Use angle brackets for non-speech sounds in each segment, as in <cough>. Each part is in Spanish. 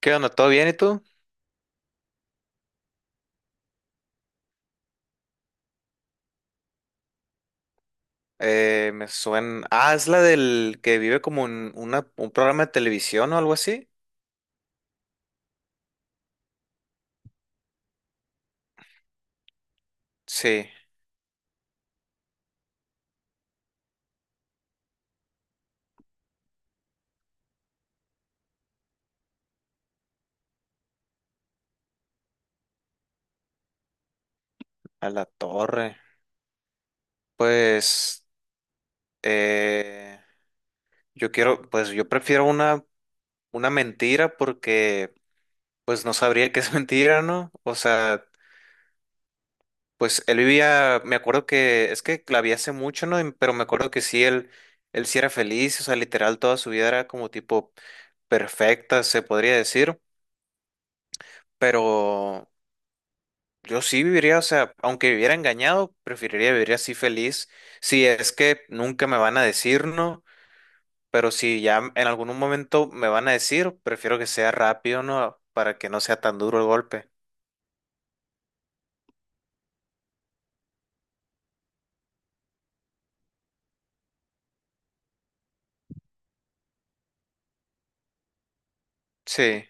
¿Qué onda? ¿Todo bien y tú? Me suena. Ah, es la del que vive como en una, un programa de televisión o algo así. Sí, a la torre. Pues eh, yo quiero, pues yo prefiero una mentira porque pues no sabría que es <laughs> mentira, ¿no? O sea, pues él vivía, me acuerdo que, es que la vi hace mucho, ¿no? Pero me acuerdo que sí, él sí era feliz, o sea, literal toda su vida era como tipo perfecta, se podría decir, pero. Yo sí viviría, o sea, aunque viviera engañado, preferiría vivir así feliz. Si es que nunca me van a decir no, pero si ya en algún momento me van a decir, prefiero que sea rápido, ¿no? Para que no sea tan duro el golpe. Sí,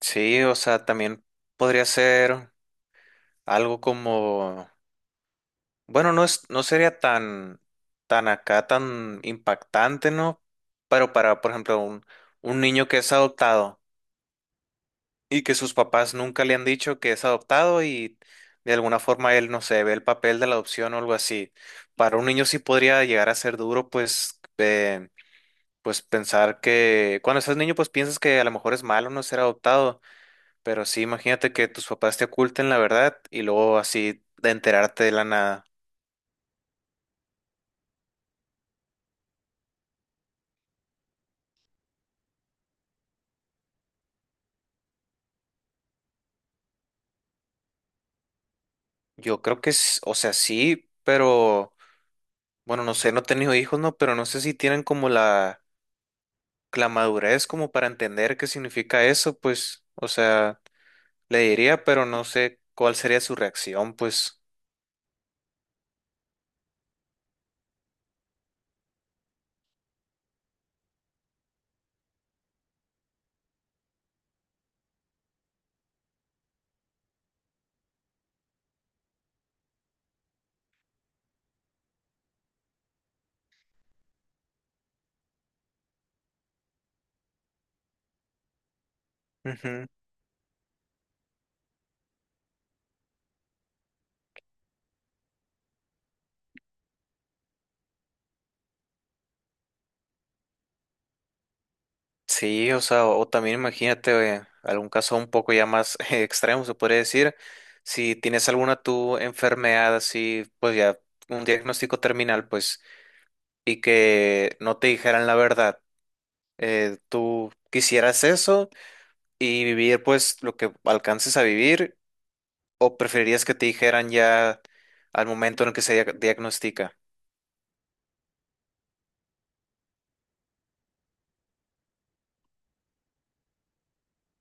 sí, o sea, también podría ser algo como, bueno, no es, no sería tan, tan acá, tan impactante, ¿no? Pero para, por ejemplo, un niño que es adoptado. Y que sus papás nunca le han dicho que es adoptado y de alguna forma él, no sé, ve el papel de la adopción o algo así. Para un niño sí podría llegar a ser duro, pues, pues pensar que cuando estás niño, pues piensas que a lo mejor es malo no ser adoptado, pero sí, imagínate que tus papás te oculten la verdad y luego así de enterarte de la nada. Yo creo que es, o sea, sí, pero bueno, no sé, no he tenido hijos, ¿no? Pero no sé si tienen como la madurez como para entender qué significa eso, pues, o sea. Le diría, pero no sé cuál sería su reacción, pues. Ujú. Sí, o sea, o, también imagínate algún caso un poco ya más <laughs> extremo, se podría decir. Si tienes alguna tu enfermedad así, pues ya un diagnóstico terminal, pues, y que no te dijeran la verdad. ¿Tú quisieras eso y vivir pues lo que alcances a vivir, o preferirías que te dijeran ya al momento en el que se diagnostica?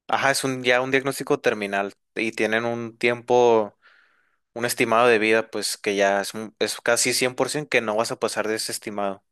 Ajá, es un, ya un diagnóstico terminal y tienen un tiempo, un estimado de vida, pues que ya es, es casi 100% que no vas a pasar de ese estimado.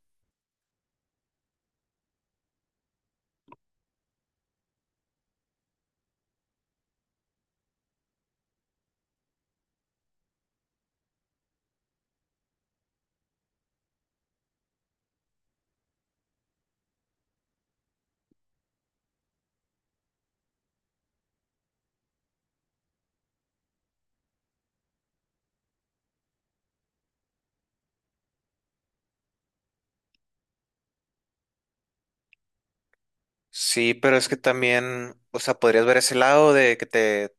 Sí, pero es que también, o sea, podrías ver ese lado de que te,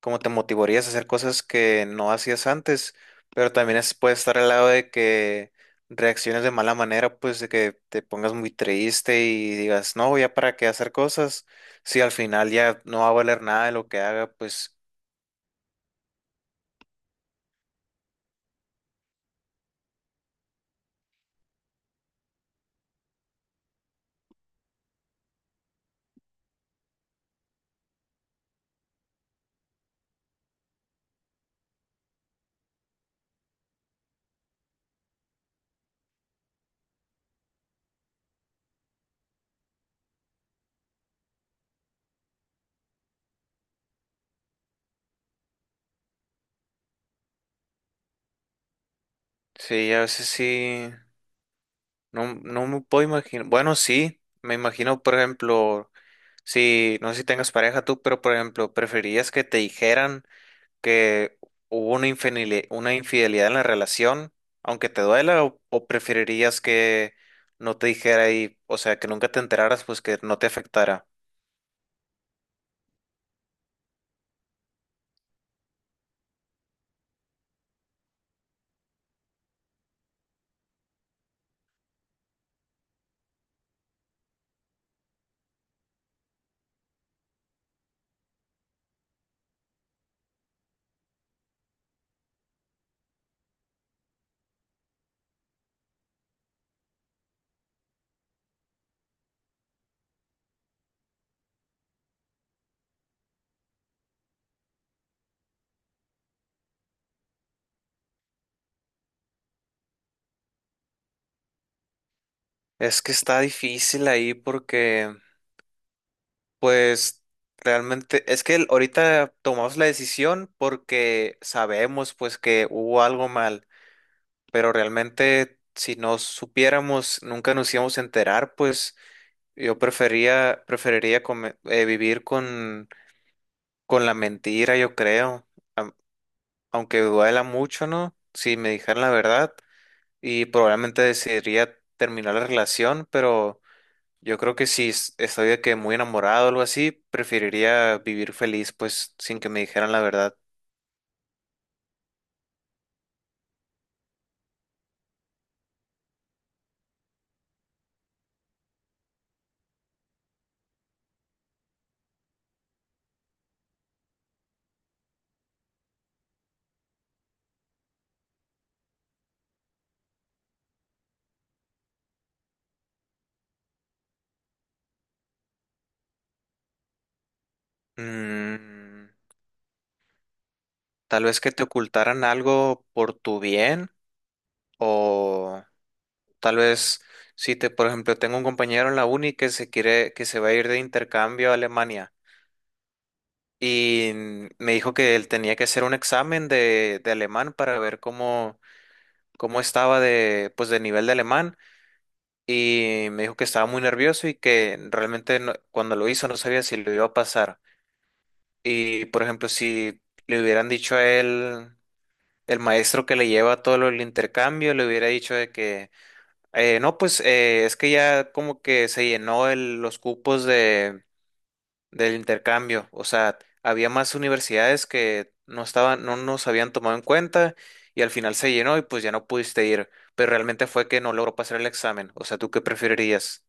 como te motivarías a hacer cosas que no hacías antes, pero también es, puede estar al lado de que reacciones de mala manera, pues de que te pongas muy triste y digas, no, ya para qué hacer cosas, si al final ya no va a valer nada de lo que haga, pues sí, a veces sí. No, no me puedo imaginar. Bueno, sí, me imagino, por ejemplo, si, no sé si tengas pareja tú, pero por ejemplo, ¿preferirías que te dijeran que hubo una una infidelidad en la relación, aunque te duela, o preferirías que no te dijera y, o sea, que nunca te enteraras, pues que no te afectara? Es que está difícil ahí porque, pues, realmente, es que ahorita tomamos la decisión porque sabemos, pues, que hubo algo mal, pero realmente si no supiéramos, nunca nos íbamos a enterar, pues yo prefería, preferiría vivir con la mentira, yo creo, am- aunque duela mucho, ¿no? Si me dijeran la verdad y probablemente decidiría terminar la relación, pero yo creo que si estoy de que muy enamorado o algo así, preferiría vivir feliz, pues sin que me dijeran la verdad. Mm, tal vez que te ocultaran algo por tu bien o... Tal vez si te, por ejemplo, tengo un compañero en la uni que se quiere, que se va a ir de intercambio a Alemania y me dijo que él tenía que hacer un examen de alemán para ver cómo, cómo estaba de, pues, de nivel de alemán y me dijo que estaba muy nervioso y que realmente cuando lo hizo no sabía si lo iba a pasar. Y, por ejemplo, si le hubieran dicho a él, el maestro que le lleva todo lo del intercambio, le hubiera dicho de que no, pues es que ya como que se llenó los cupos de, del intercambio. O sea, había más universidades que no estaban, no nos habían tomado en cuenta y al final se llenó y pues ya no pudiste ir. Pero realmente fue que no logró pasar el examen. O sea, ¿tú qué preferirías?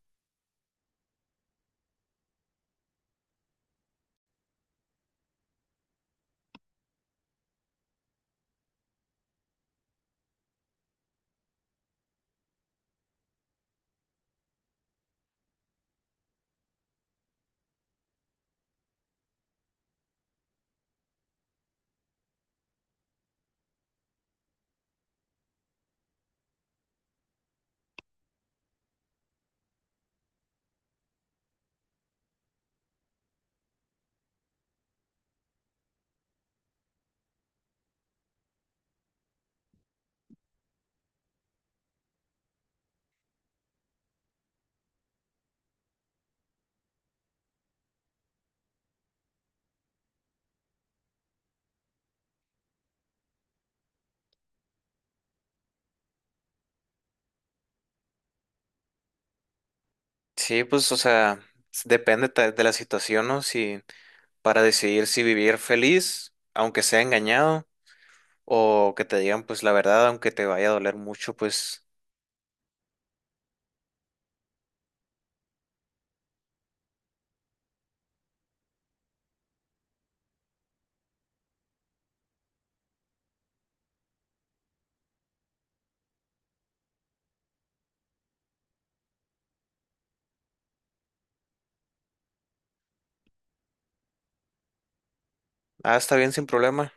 Sí, pues, o sea, de la situación, ¿no? Si para decidir si vivir feliz, aunque sea engañado, o que te digan pues la verdad, aunque te vaya a doler mucho, pues, ah, está bien sin problema.